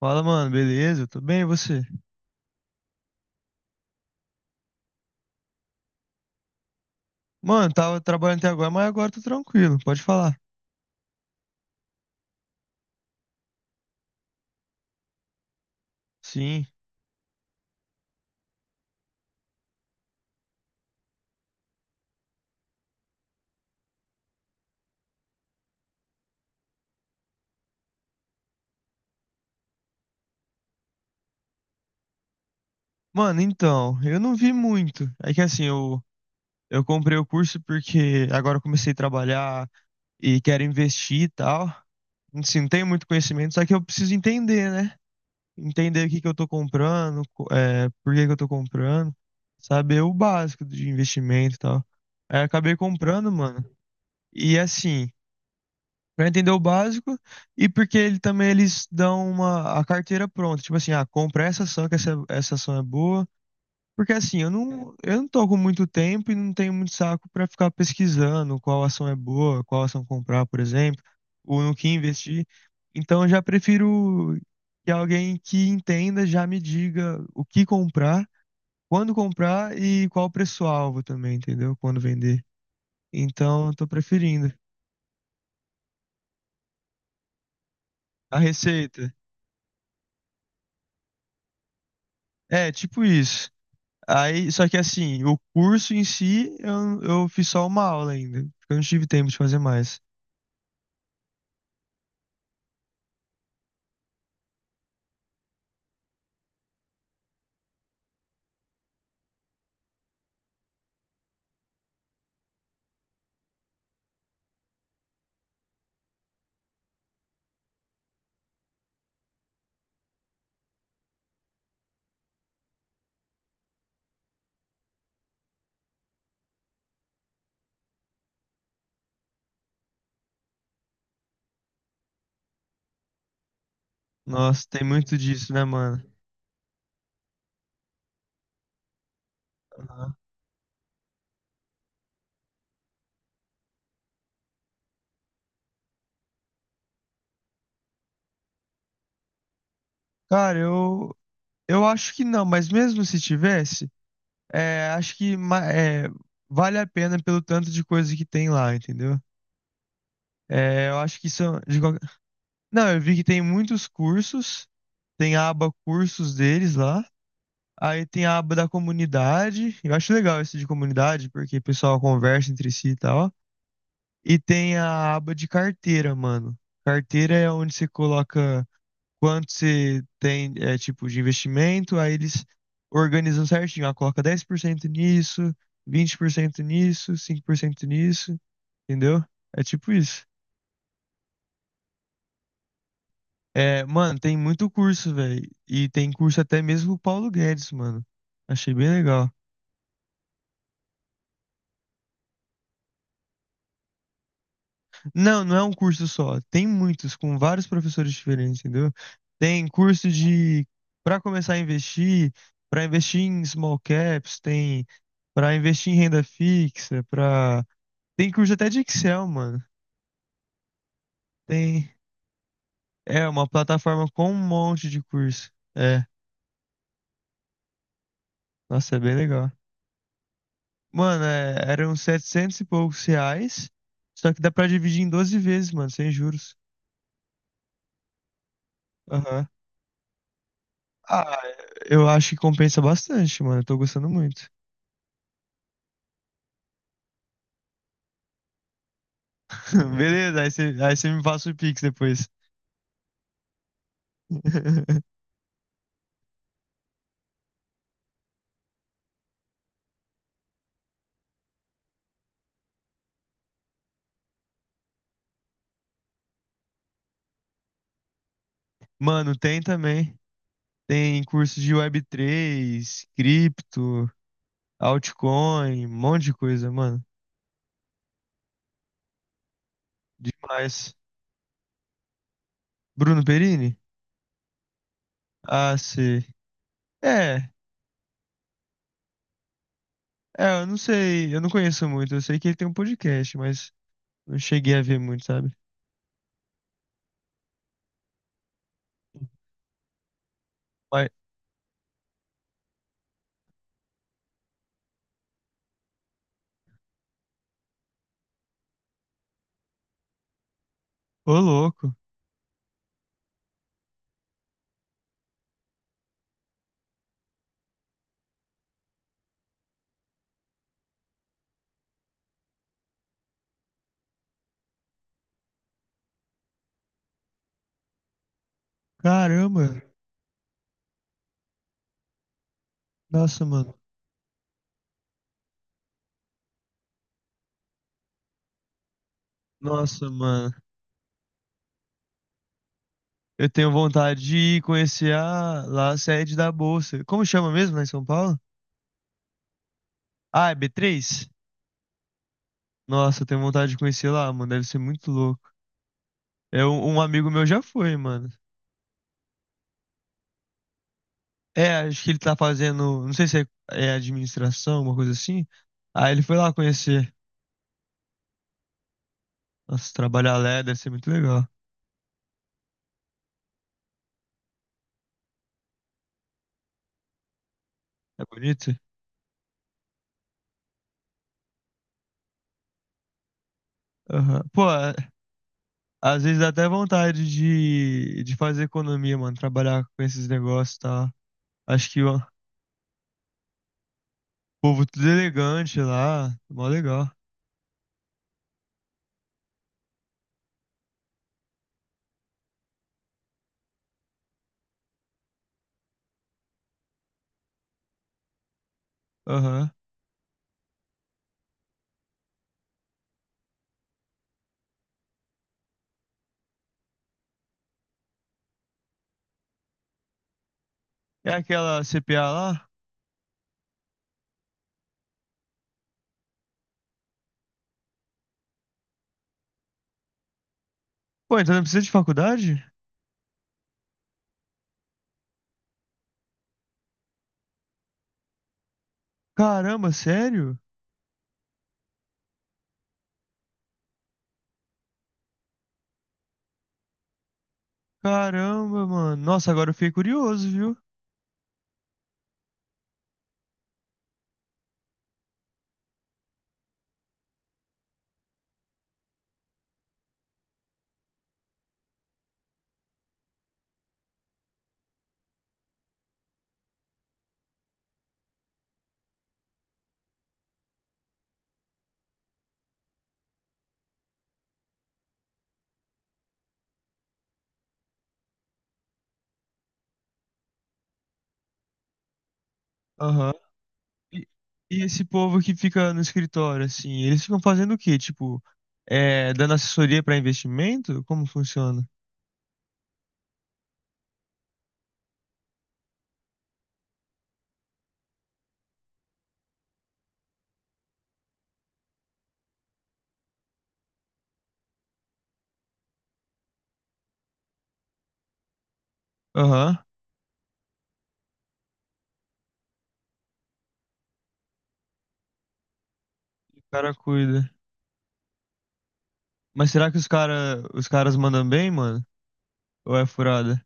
Fala, mano, beleza? Eu Tô bem, e você? Mano, tava trabalhando até agora, mas agora tô tranquilo, pode falar. Sim. Mano, então, eu não vi muito. É que assim, eu comprei o curso porque agora eu comecei a trabalhar e quero investir e tal. Assim, não tenho muito conhecimento, só que eu preciso entender, né? Entender o que que eu tô comprando, por que que eu tô comprando, saber o básico de investimento e tal. Aí eu acabei comprando, mano. E assim. Pra entender o básico e porque ele também eles dão uma a carteira pronta, tipo assim, ah, compra essa ação que essa ação é boa, porque assim, eu não tô com muito tempo e não tenho muito saco pra ficar pesquisando qual ação é boa, qual ação comprar, por exemplo, ou no que investir. Então eu já prefiro que alguém que entenda já me diga o que comprar, quando comprar e qual preço-alvo também, entendeu? Quando vender. Então eu tô preferindo a receita. É, tipo isso. Aí, só que assim, o curso em si, eu fiz só uma aula ainda, porque eu não tive tempo de fazer mais. Nossa, tem muito disso, né, mano? Aham. Cara, eu acho que não, mas mesmo se tivesse, acho que vale a pena pelo tanto de coisa que tem lá, entendeu? É, eu acho que são. Não, eu vi que tem muitos cursos, tem a aba cursos deles lá. Aí tem a aba da comunidade. Eu acho legal esse de comunidade, porque o pessoal conversa entre si e tal. E tem a aba de carteira, mano. Carteira é onde você coloca quanto você tem, é, tipo, de investimento, aí eles organizam certinho. Ah, coloca 10% nisso, 20% nisso, 5% nisso, entendeu? É tipo isso. É, mano, tem muito curso, velho. E tem curso até mesmo o Paulo Guedes, mano. Achei bem legal. Não, não é um curso só. Tem muitos, com vários professores diferentes, entendeu? Tem curso de para começar a investir, para investir em small caps, tem para investir em renda fixa, para tem curso até de Excel, mano. Tem é uma plataforma com um monte de curso. É, nossa, é bem legal. Mano, é, eram 700 e poucos reais, só que dá pra dividir em 12 vezes, mano, sem juros. Aham. Ah, eu acho que compensa bastante, mano. Eu tô gostando muito. Beleza, aí você me passa o Pix depois. Mano, tem também. Tem curso de web3 cripto, altcoin, um monte de coisa, mano. Demais. Bruno Perini? Ah, sei. É, eu não sei, eu não conheço muito. Eu sei que ele tem um podcast, mas não cheguei a ver muito, sabe? Mas, ô louco, caramba. Nossa, mano. Nossa, mano. Eu tenho vontade de ir conhecer a, lá a sede da Bolsa. Como chama mesmo, lá em São Paulo? Ah, é B3. Nossa, eu tenho vontade de conhecer lá, mano. Deve ser muito louco. É, um amigo meu já foi, mano. É, acho que ele tá fazendo. Não sei se administração, alguma coisa assim. Aí ele foi lá conhecer. Nossa, trabalhar lá é, deve ser muito legal. É bonito? Aham. Pô, às vezes dá até vontade de, fazer economia, mano. Trabalhar com esses negócios e tal. Acho que ó, o povo tudo elegante lá. Mó legal. Aham. É aquela CPA lá? Pô, então não precisa de faculdade? Caramba, sério? Caramba, mano. Nossa, agora eu fiquei curioso, viu? Aham. E, e esse povo que fica no escritório, assim, eles ficam fazendo o quê? Tipo, é, dando assessoria pra investimento? Como funciona? Aham. O cara cuida. Mas será que os caras mandam bem, mano? Ou é furada?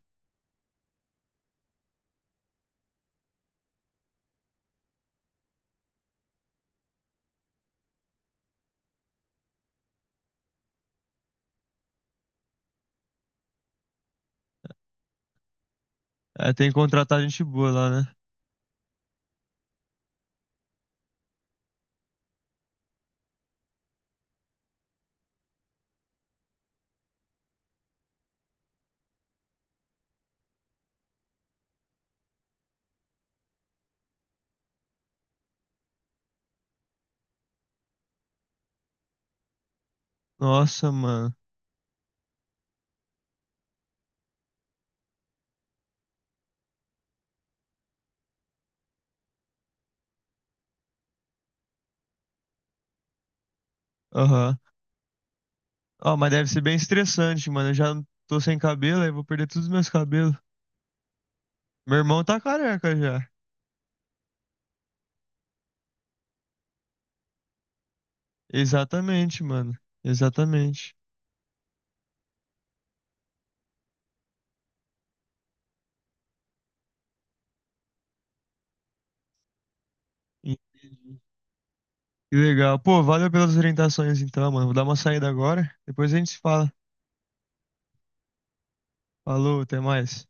É, tem que contratar gente boa lá, né? Nossa, mano. Aham. Ó, mas deve ser bem estressante, mano. Eu já tô sem cabelo, aí vou perder todos os meus cabelos. Meu irmão tá careca já. Exatamente, mano. Exatamente. Entendi. Que legal. Pô, valeu pelas orientações então, mano. Vou dar uma saída agora. Depois a gente se fala. Falou, até mais.